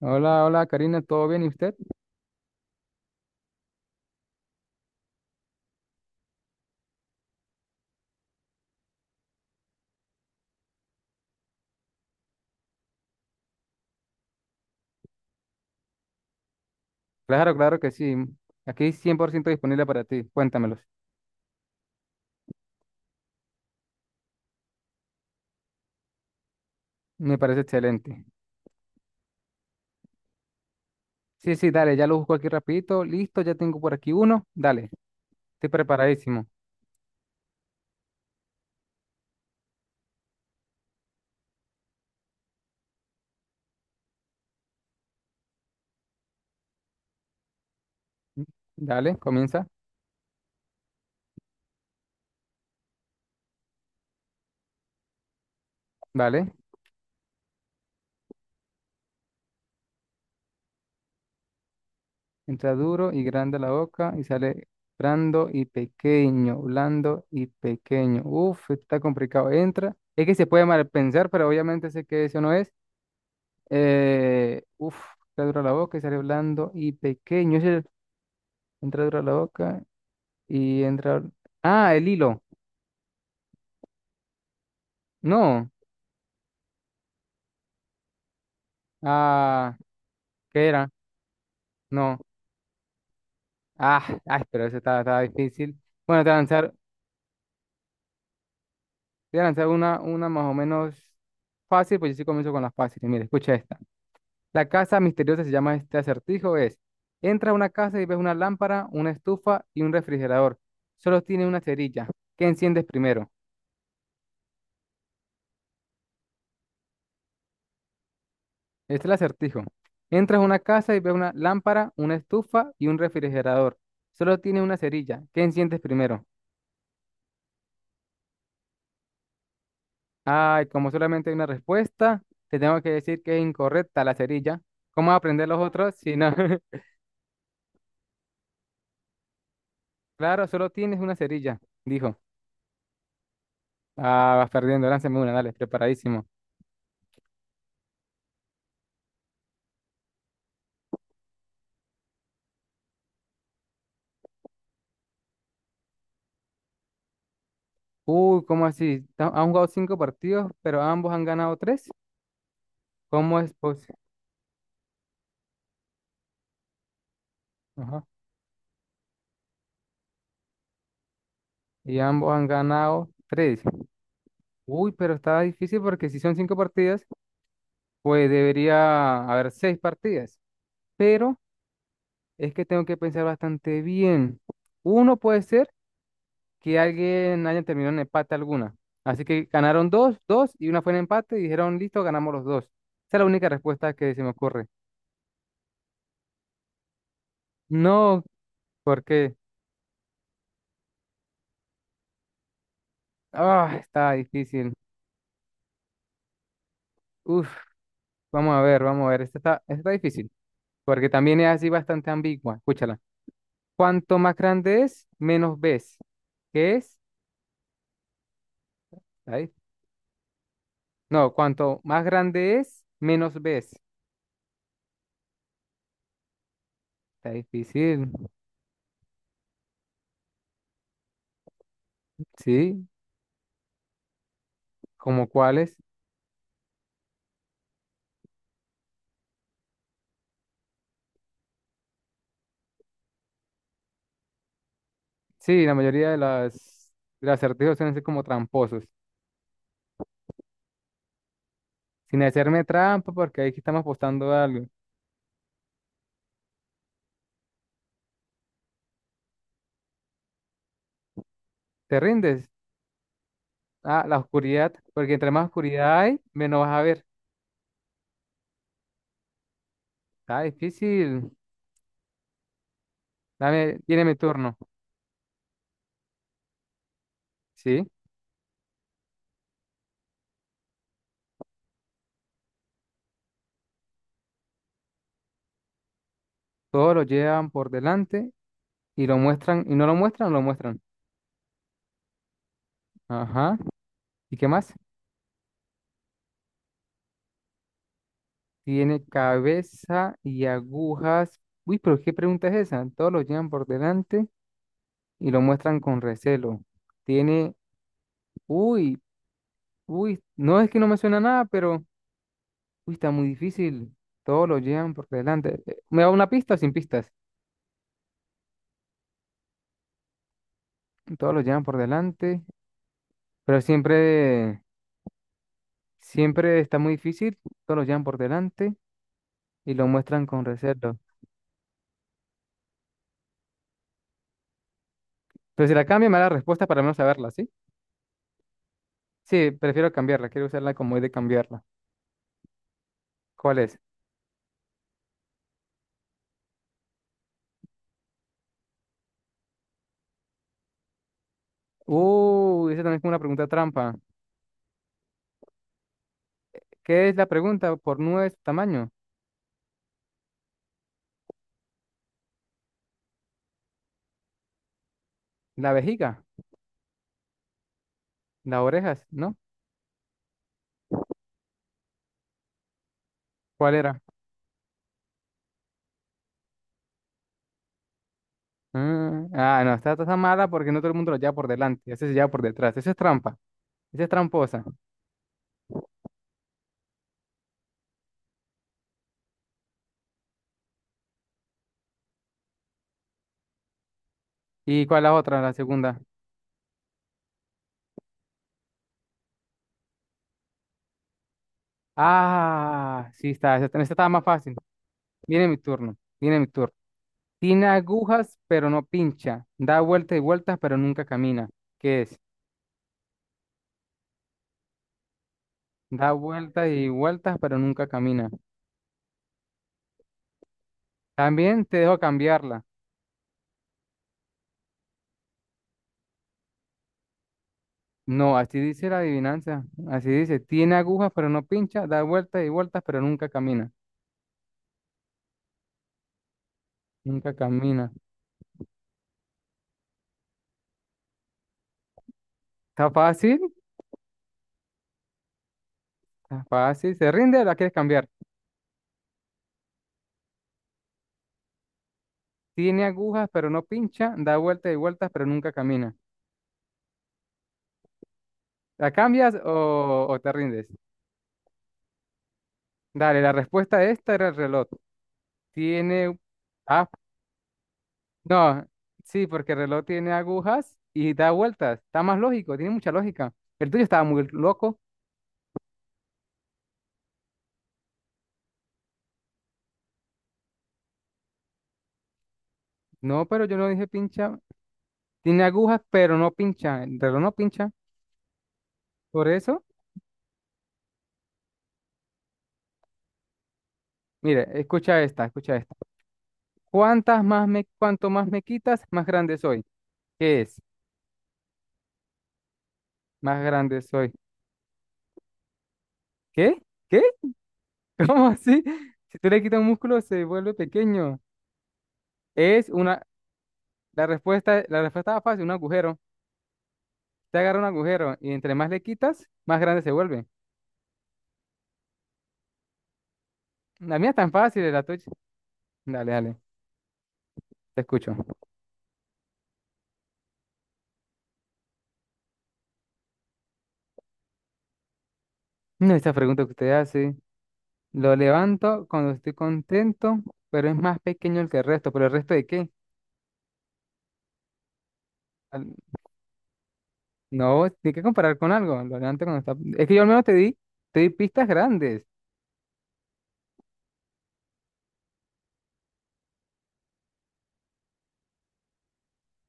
Hola, hola Karina, ¿todo bien? ¿Y usted? Claro, claro que sí. Aquí 100% disponible para ti. Cuéntamelos. Me parece excelente. Sí, sí, dale, ya lo busco aquí rapidito. Listo, ya tengo por aquí uno. Dale, estoy preparadísimo. Dale, comienza. Dale. Entra duro y grande la boca y sale blando y pequeño, blando y pequeño. Uf, esto está complicado. Entra. Es que se puede mal pensar, pero obviamente sé que eso no es. Uf, entra duro la boca y sale blando y pequeño. Es Entra duro la boca. Y entra. Ah, el hilo. No. Ah, ¿qué era? No. Ah, ay, pero eso estaba difícil. Bueno, te voy a lanzar una más o menos fácil, pues yo sí comienzo con las fáciles. Mira, escucha esta. La casa misteriosa se llama este acertijo, es. Entra a una casa y ves una lámpara, una estufa y un refrigerador. Solo tiene una cerilla. ¿Qué enciendes primero? Este es el acertijo. Entras a una casa y ves una lámpara, una estufa y un refrigerador. Solo tiene una cerilla. ¿Qué enciendes primero? Ay, como solamente hay una respuesta, te tengo que decir que es incorrecta la cerilla. ¿Cómo vas a aprender los otros si no? Claro, solo tienes una cerilla, dijo. Ah, vas perdiendo, lánzame una, dale, preparadísimo. Uy, ¿cómo así? Han jugado cinco partidos, pero ambos han ganado tres. ¿Cómo es posible? Ajá. Y ambos han ganado tres. Uy, pero está difícil porque si son cinco partidas, pues debería haber seis partidas. Pero es que tengo que pensar bastante bien. Uno puede ser, que alguien haya terminado en empate alguna. Así que ganaron dos, dos y una fue en empate y dijeron, listo, ganamos los dos. Esa es la única respuesta que se me ocurre. No, porque ah, está difícil. Uf, vamos a ver, vamos a ver. Esta está difícil, porque también es así bastante ambigua. Escúchala. Cuanto más grande es, menos ves. ¿Qué es? Está dif- No, cuanto más grande es, menos ves. Está difícil. Sí, ¿como cuáles? Sí, la mayoría de las acertijos suelen ser como tramposos. Sin hacerme trampa, porque ahí sí estamos apostando a algo. ¿Te rindes? Ah, la oscuridad, porque entre más oscuridad hay, menos vas a ver. Está difícil. Dame, tiene mi turno. Sí, todos lo llevan por delante y lo muestran, y no lo muestran, no lo muestran. Ajá. ¿Y qué más? Tiene cabeza y agujas. Uy, pero ¿qué pregunta es esa? Todos lo llevan por delante y lo muestran con recelo. Tiene, uy. Uy, no es que no me suena nada, pero uy, está muy difícil. Todos lo llevan por delante. ¿Me da una pista o sin pistas? Todos lo llevan por delante, pero siempre, siempre está muy difícil. Todos lo llevan por delante y lo muestran con reserva. Pero si la cambia, me da la respuesta para al menos saberla, ¿sí? Sí, prefiero cambiarla. Quiero usarla como es de cambiarla. ¿Cuál es? Uy, esa también es como una pregunta trampa. ¿Qué es la pregunta por nueve de su tamaño? La vejiga, las orejas, ¿no? ¿Cuál era? Mm, ah, no, está mala porque no todo el mundo lo lleva por delante, ese se lleva por detrás, eso es trampa, esa es tramposa. ¿Y cuál es la otra, la segunda? Ah, sí está, esa estaba más fácil. Viene mi turno, viene mi turno. Tiene agujas, pero no pincha. Da vueltas y vueltas, pero nunca camina. ¿Qué es? Da vueltas y vueltas, pero nunca camina. También te dejo cambiarla. No, así dice la adivinanza. Así dice, tiene agujas, pero no pincha. Da vueltas y vueltas, pero nunca camina. Nunca camina. ¿Está fácil? Está fácil, se rinde, la quieres cambiar. Tiene agujas, pero no pincha, da vueltas y vueltas, pero nunca camina. ¿La cambias o te rindes? Dale, la respuesta a esta era el reloj. Tiene... Ah, no, sí, porque el reloj tiene agujas y da vueltas. Está más lógico, tiene mucha lógica. El tuyo estaba muy loco. No, pero yo no dije pincha. Tiene agujas, pero no pincha. El reloj no pincha. Por eso, mire, escucha esta, escucha esta. ¿Cuanto más me quitas, más grande soy? ¿Qué es? Más grande soy. ¿Qué? ¿Qué? ¿Cómo así? Si tú le quitas un músculo, se vuelve pequeño. Es una. La respuesta era fácil, un agujero. Te agarra un agujero y entre más le quitas, más grande se vuelve. La mía es tan fácil, la tuya. Dale, dale, te escucho. No, esa pregunta que usted hace. Lo levanto cuando estoy contento, pero es más pequeño el que el resto. ¿Pero el resto de qué? Al- No, tiene que comparar con algo. Lo levanto cuando está. Es que yo al menos te di pistas grandes.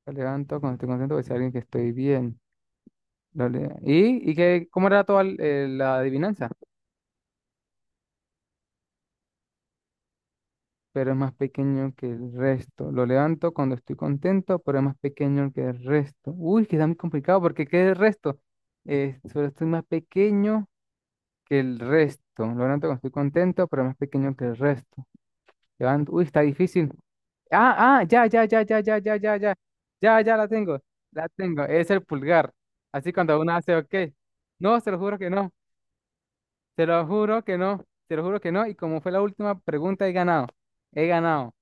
Lo levanto cuando estoy contento, porque es alguien que estoy bien. Dale. ¿Y qué, cómo era toda la adivinanza? Pero es más pequeño que el resto. Lo levanto cuando estoy contento, pero es más pequeño que el resto. Uy, que está muy complicado porque ¿qué es el resto? Solo estoy más pequeño que el resto. Lo levanto cuando estoy contento, pero es más pequeño que el resto. Levanto. Uy, está difícil. Ah, ah, ya, ya, ya, ya, ya, ya, ya, ya. Ya, ya la tengo. La tengo. Es el pulgar. Así cuando uno hace, ok. No, se lo juro que no. Te lo juro que no, te lo juro que no. Y como fue la última pregunta, he ganado. He ganado.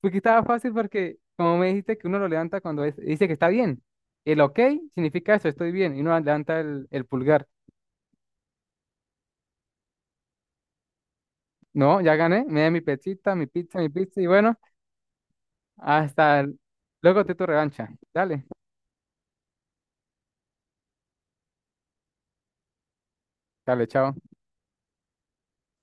Porque estaba fácil porque, como me dijiste, que uno lo levanta cuando dice que está bien. El ok significa eso, estoy bien. Y uno levanta el pulgar. No, ya gané. Me da mi pechita, mi pizza, mi pizza. Y bueno, hasta luego te tu revancha. Dale, dale, chao.